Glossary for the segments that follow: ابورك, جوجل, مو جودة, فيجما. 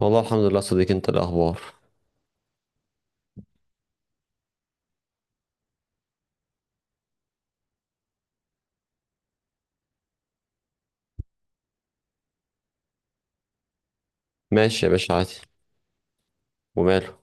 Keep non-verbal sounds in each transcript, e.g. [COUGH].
والله الحمد لله صديقي. انت إيه الاخبار؟ ماشي يا باشا، عادي. وماله.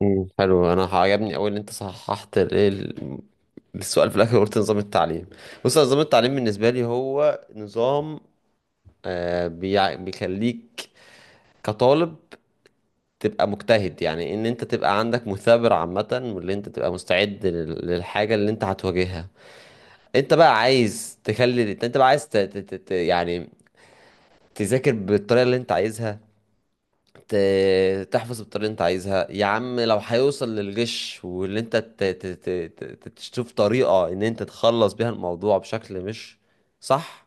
مم. حلو، انا عجبني قوي ان انت صححت الايه السؤال في الاخر، قلت نظام التعليم. بص، أنا نظام التعليم بالنسبه لي هو نظام بيخليك كطالب تبقى مجتهد، يعني ان انت تبقى عندك مثابر عامه، واللي انت تبقى مستعد للحاجه اللي انت هتواجهها. انت بقى عايز تخلي، انت بقى عايز يعني تذاكر بالطريقه اللي انت عايزها، تحفظ بالطريقة اللي انت عايزها. يا عم، لو هيوصل للغش واللي انت تشوف طريقة ان انت تخلص بيها الموضوع بشكل مش صح،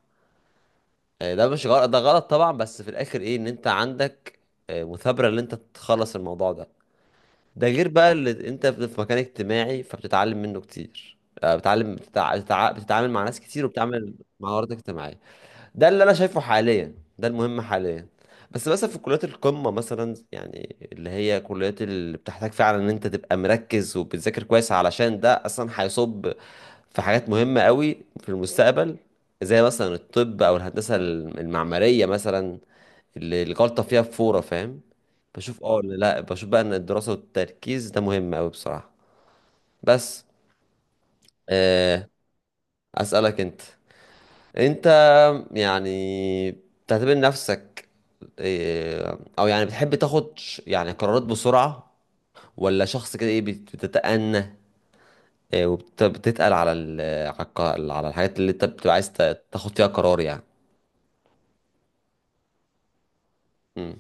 ده مش غلط، ده غلط طبعا، بس في الاخر ايه، ان انت عندك مثابرة ان انت تخلص الموضوع ده. ده غير بقى اللي انت في مكان اجتماعي فبتتعلم منه كتير، بتتعلم، بتتعامل مع ناس كتير وبتعمل مع مهارات اجتماعية. ده اللي انا شايفه حاليا، ده المهم حاليا. بس مثلا في كليات القمة مثلا، يعني اللي هي كليات اللي بتحتاج فعلا ان انت تبقى مركز وبتذاكر كويس، علشان ده اصلا هيصب في حاجات مهمة قوي في المستقبل، زي مثلا الطب او الهندسة المعمارية مثلا، اللي الغلطة فيها بفورة، فاهم؟ بشوف اه ولا لا، بشوف بقى ان الدراسة والتركيز ده مهم قوي بصراحة. بس. آه، اسألك انت يعني بتعتبر نفسك او يعني بتحب تاخد يعني قرارات بسرعة، ولا شخص كده ايه بتتأنى وبتتقل على على على الحاجات اللي انت بتبقى عايز تاخد فيها قرار يعني؟ مم.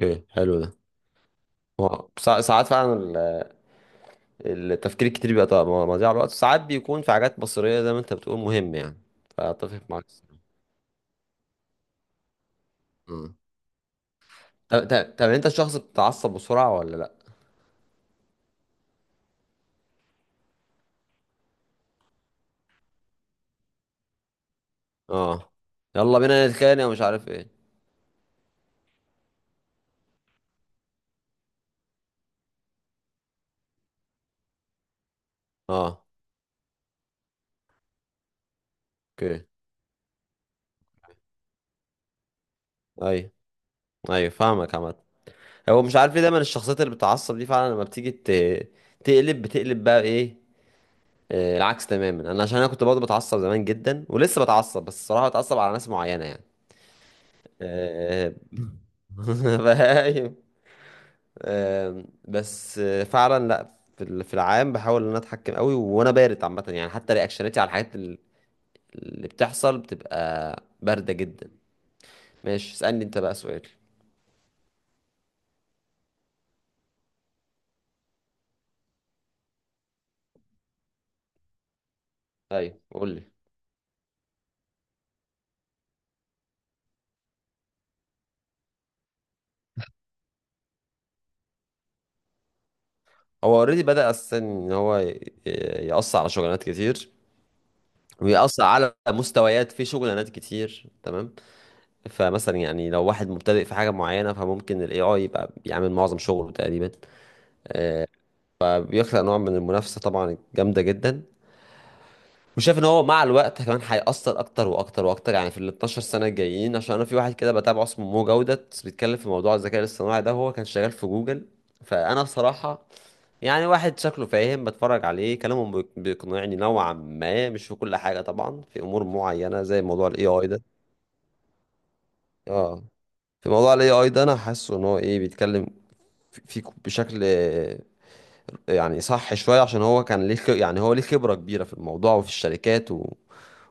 اوكي، حلو ده. هو ساعات فعلا التفكير الكتير بيبقى طبعاً مضيع الوقت، ساعات بيكون في حاجات بصرية زي ما انت بتقول مهم يعني. فاتفق معاك الصراحة. مم. طب انت شخص بتتعصب بسرعة ولا لا؟ اه. يلا بينا نتخانق ومش عارف ايه. اه. اوكي. ايوه، ايوه، فاهمك عامة. هو مش عارف ليه دايما الشخصيات اللي بتتعصب دي فعلا لما بتيجي بتقلب بقى ايه العكس تماما. انا عشان كنت برضه بتعصب زمان جدا، ولسه بتعصب، بس الصراحة بتعصب على ناس معينة يعني. آه، [LAUGHS] فاهم. بس فعلا لا، في العام بحاول ان انا اتحكم قوي، وانا بارد عامه يعني، حتى رياكشناتي على الحاجات اللي بتحصل بتبقى بارده جدا. ماشي، اسألني انت بقى سؤال. ايوه قول لي. هو اوريدي بدأ اساسا ان هو يقص على شغلانات كتير، ويقص على مستويات في شغلانات كتير، تمام؟ فمثلا يعني لو واحد مبتدئ في حاجة معينة، فممكن الاي اي يبقى بيعمل معظم شغله تقريبا، بيخلق نوع من المنافسة طبعا جامدة جدا. وشايف ان هو مع الوقت كمان هيأثر اكتر واكتر واكتر يعني في ال 12 سنة الجايين، عشان انا في واحد كده بتابعه اسمه مو جودة بيتكلم في موضوع الذكاء الاصطناعي ده، هو كان شغال في جوجل. فانا بصراحة يعني واحد شكله فاهم، بتفرج عليه كلامه بيقنعني نوعا ما، مش في كل حاجة طبعا، في أمور معينة زي موضوع الاي اي ده. اه. في موضوع الاي اي ده أنا حاسه إن هو إيه بيتكلم بشكل يعني صح شوية، عشان هو كان ليه يعني هو ليه خبرة كبيرة في الموضوع وفي الشركات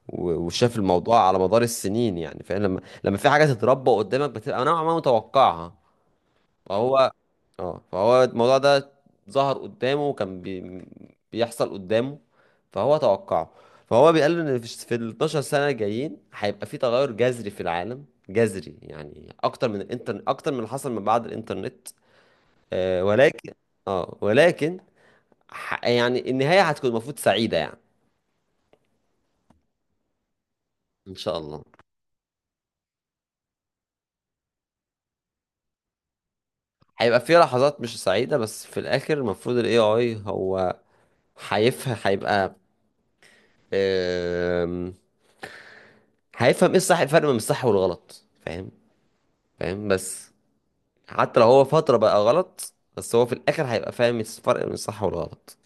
وشاف الموضوع على مدار السنين يعني. فاهم، لما في حاجة تتربى قدامك بتبقى نوعا ما متوقعها. فهو، اه، فهو الموضوع ده ظهر قدامه، وكان بيحصل قدامه، فهو توقعه. فهو بيقال ان في ال 12 سنه الجايين هيبقى في تغير جذري في العالم، جذري يعني اكتر من الانترنت، اكتر من اللي حصل من بعد الانترنت. آه ولكن اه ولكن يعني النهايه هتكون المفروض سعيده يعني. ان شاء الله. هيبقى في لحظات مش سعيده، بس في الاخر المفروض الاي اي هو هيفهم، هيبقى هيفهم ايه الفرق بين الصح والغلط فاهم؟ فاهم. بس حتى لو هو فترة بقى غلط، بس هو في الاخر هيبقى فاهم الفرق بين الصح والغلط.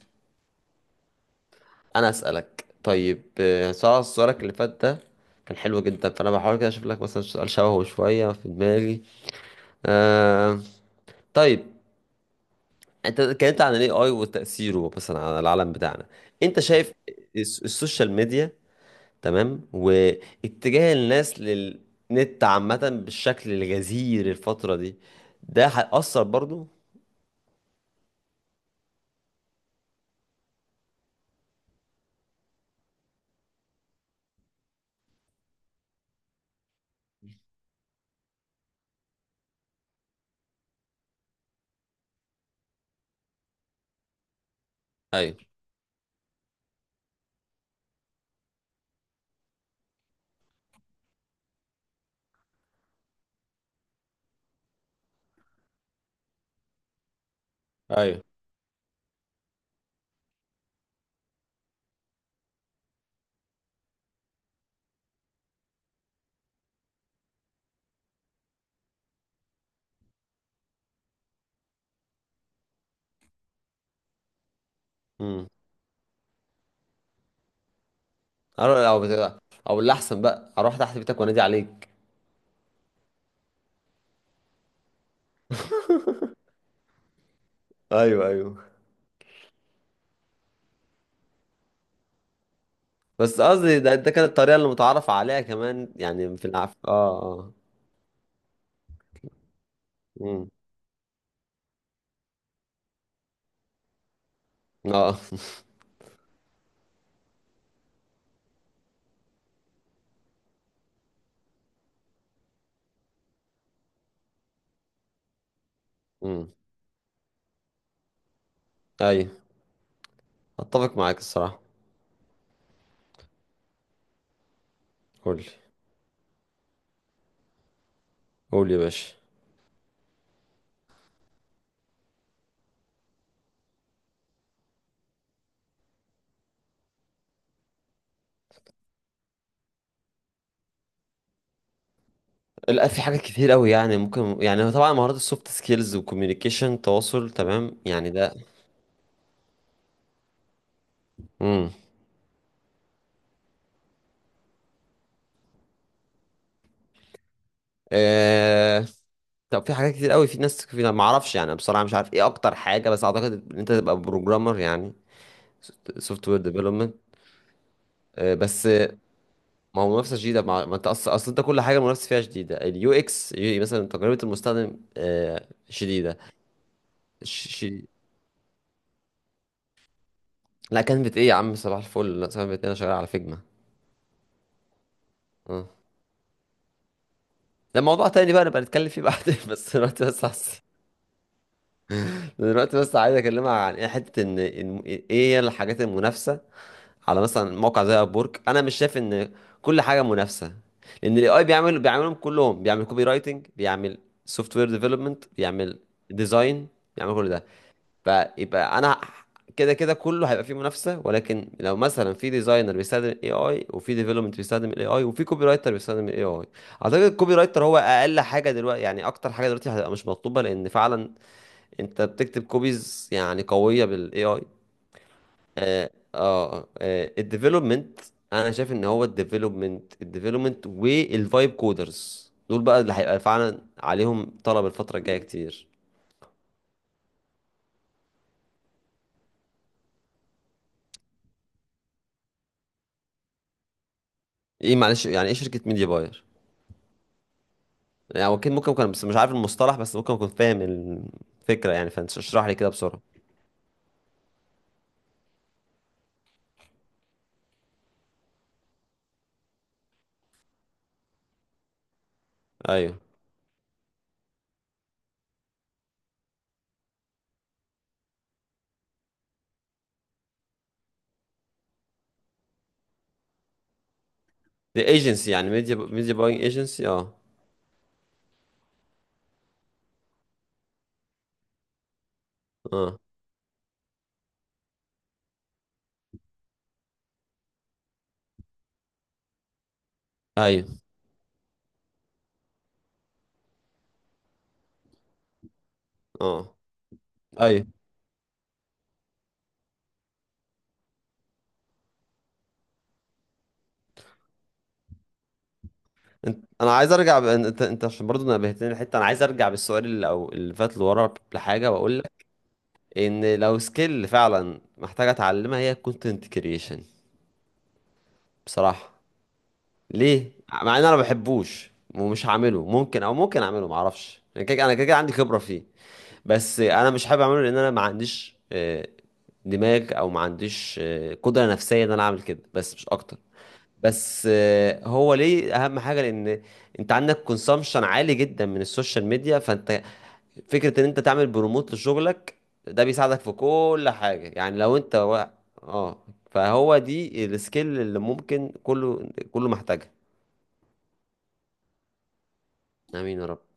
انا اسألك طيب. سؤالك اللي فات ده كان حلو جدا، فانا بحاول كده اشوف لك مثلا سؤال شبهه شوية في دماغي. آه طيب، انت اتكلمت عن الاي اي وتأثيره مثلا على العالم بتاعنا. انت شايف السوشيال ميديا تمام، واتجاه الناس للنت عامة بالشكل الغزير الفترة دي، ده هيأثر برضو؟ ايوه، ايوه. امم. او بت- او اللي احسن بقى اروح تحت بيتك وانادي عليك. ايوه، ايوه. بس قصدي ده، كانت الطريقة اللي متعارف عليها كمان يعني في العف، اه، اه. امم. اه [LAUGHS] امم. ايوه، اتفق معاك الصراحة. قول لي، قول لي يا باشا. لا، في حاجات كتير قوي يعني ممكن، يعني طبعا مهارات السوفت سكيلز والكوميونيكيشن، تواصل، تمام يعني، ده. امم. آه... طب في حاجات كتير قوي، في ناس، ما اعرفش يعني بصراحه، مش عارف ايه اكتر حاجه، بس اعتقد ان انت تبقى بروجرامر يعني، سوفت وير ديفلوبمنت. بس ما هو منافسه شديده. ما انت اصل انت كل حاجه المنافسه فيها شديده. اليو اكس مثلا، تجربه المستخدم، شديده. ش... ش... لا كانت ايه يا عم، صباح الفل، لا كانت ايه، انا شغال على فيجما. اه، ده موضوع تاني بقى نبقى نتكلم فيه بعدين [LAUGHS] بس دلوقتي بس دلوقتي بس عايز اكلمها عن ايه حته، ان ايه هي الحاجات المنافسه على مثلا موقع زي ابورك. انا مش شايف ان كل حاجه منافسه، لان الاي اي بيعملهم كلهم، بيعمل كوبي رايتنج، بيعمل سوفت وير ديفلوبمنت، بيعمل ديزاين، بيعمل كل ده. فيبقى انا كده كده كله هيبقى فيه منافسه، ولكن لو مثلا في ديزاينر بيستخدم الاي اي، وفي ديفلوبمنت بيستخدم الاي اي، وفي كوبي رايتر بيستخدم الاي اي، اعتقد الكوبي رايتر هو اقل حاجه دلوقتي، يعني اكتر حاجه دلوقتي هتبقى مش مطلوبه، لان فعلا انت بتكتب كوبيز يعني قويه بالاي اي. اه، اه. الديفلوبمنت، انا شايف ان هو الديفلوبمنت، والفايب كودرز دول بقى اللي هيبقى فعلا عليهم طلب الفتره الجايه كتير. ايه، معلش، يعني ايه شركه ميديا باير؟ يعني هو اكيد ممكن اكون بس مش عارف المصطلح، بس ممكن اكون فاهم الفكره يعني، فانت اشرح لي كده بسرعه. ايوه، دي ايجنسي، يعني ميديا باينج ايجنسي، اه. اه. ايوه. اه. ايوه. انت، انا عايز ارجع ب... انت، عشان برضه نبهتني الحته، انا عايز ارجع بالسؤال اللي فات لورا لحاجه واقول لك، ان لو سكيل فعلا محتاجة اتعلمها هي الكونتنت كرييشن بصراحة. ليه؟ مع ان انا ما بحبوش ومش هعمله، ممكن، او ممكن اعمله، ما اعرفش، انا كده، كده عندي خبرة فيه. بس انا مش حابب اعمله، لان انا ما عنديش دماغ، او ما عنديش قدرة نفسية ان انا اعمل كده، بس مش اكتر. بس هو ليه اهم حاجه؟ لان انت عندك كونسامشن عالي جدا من السوشيال ميديا، فانت فكره ان انت تعمل بروموت لشغلك ده بيساعدك في كل حاجه يعني. لو انت اه فهو دي السكيل اللي ممكن كله كله محتاجها. امين يا رب.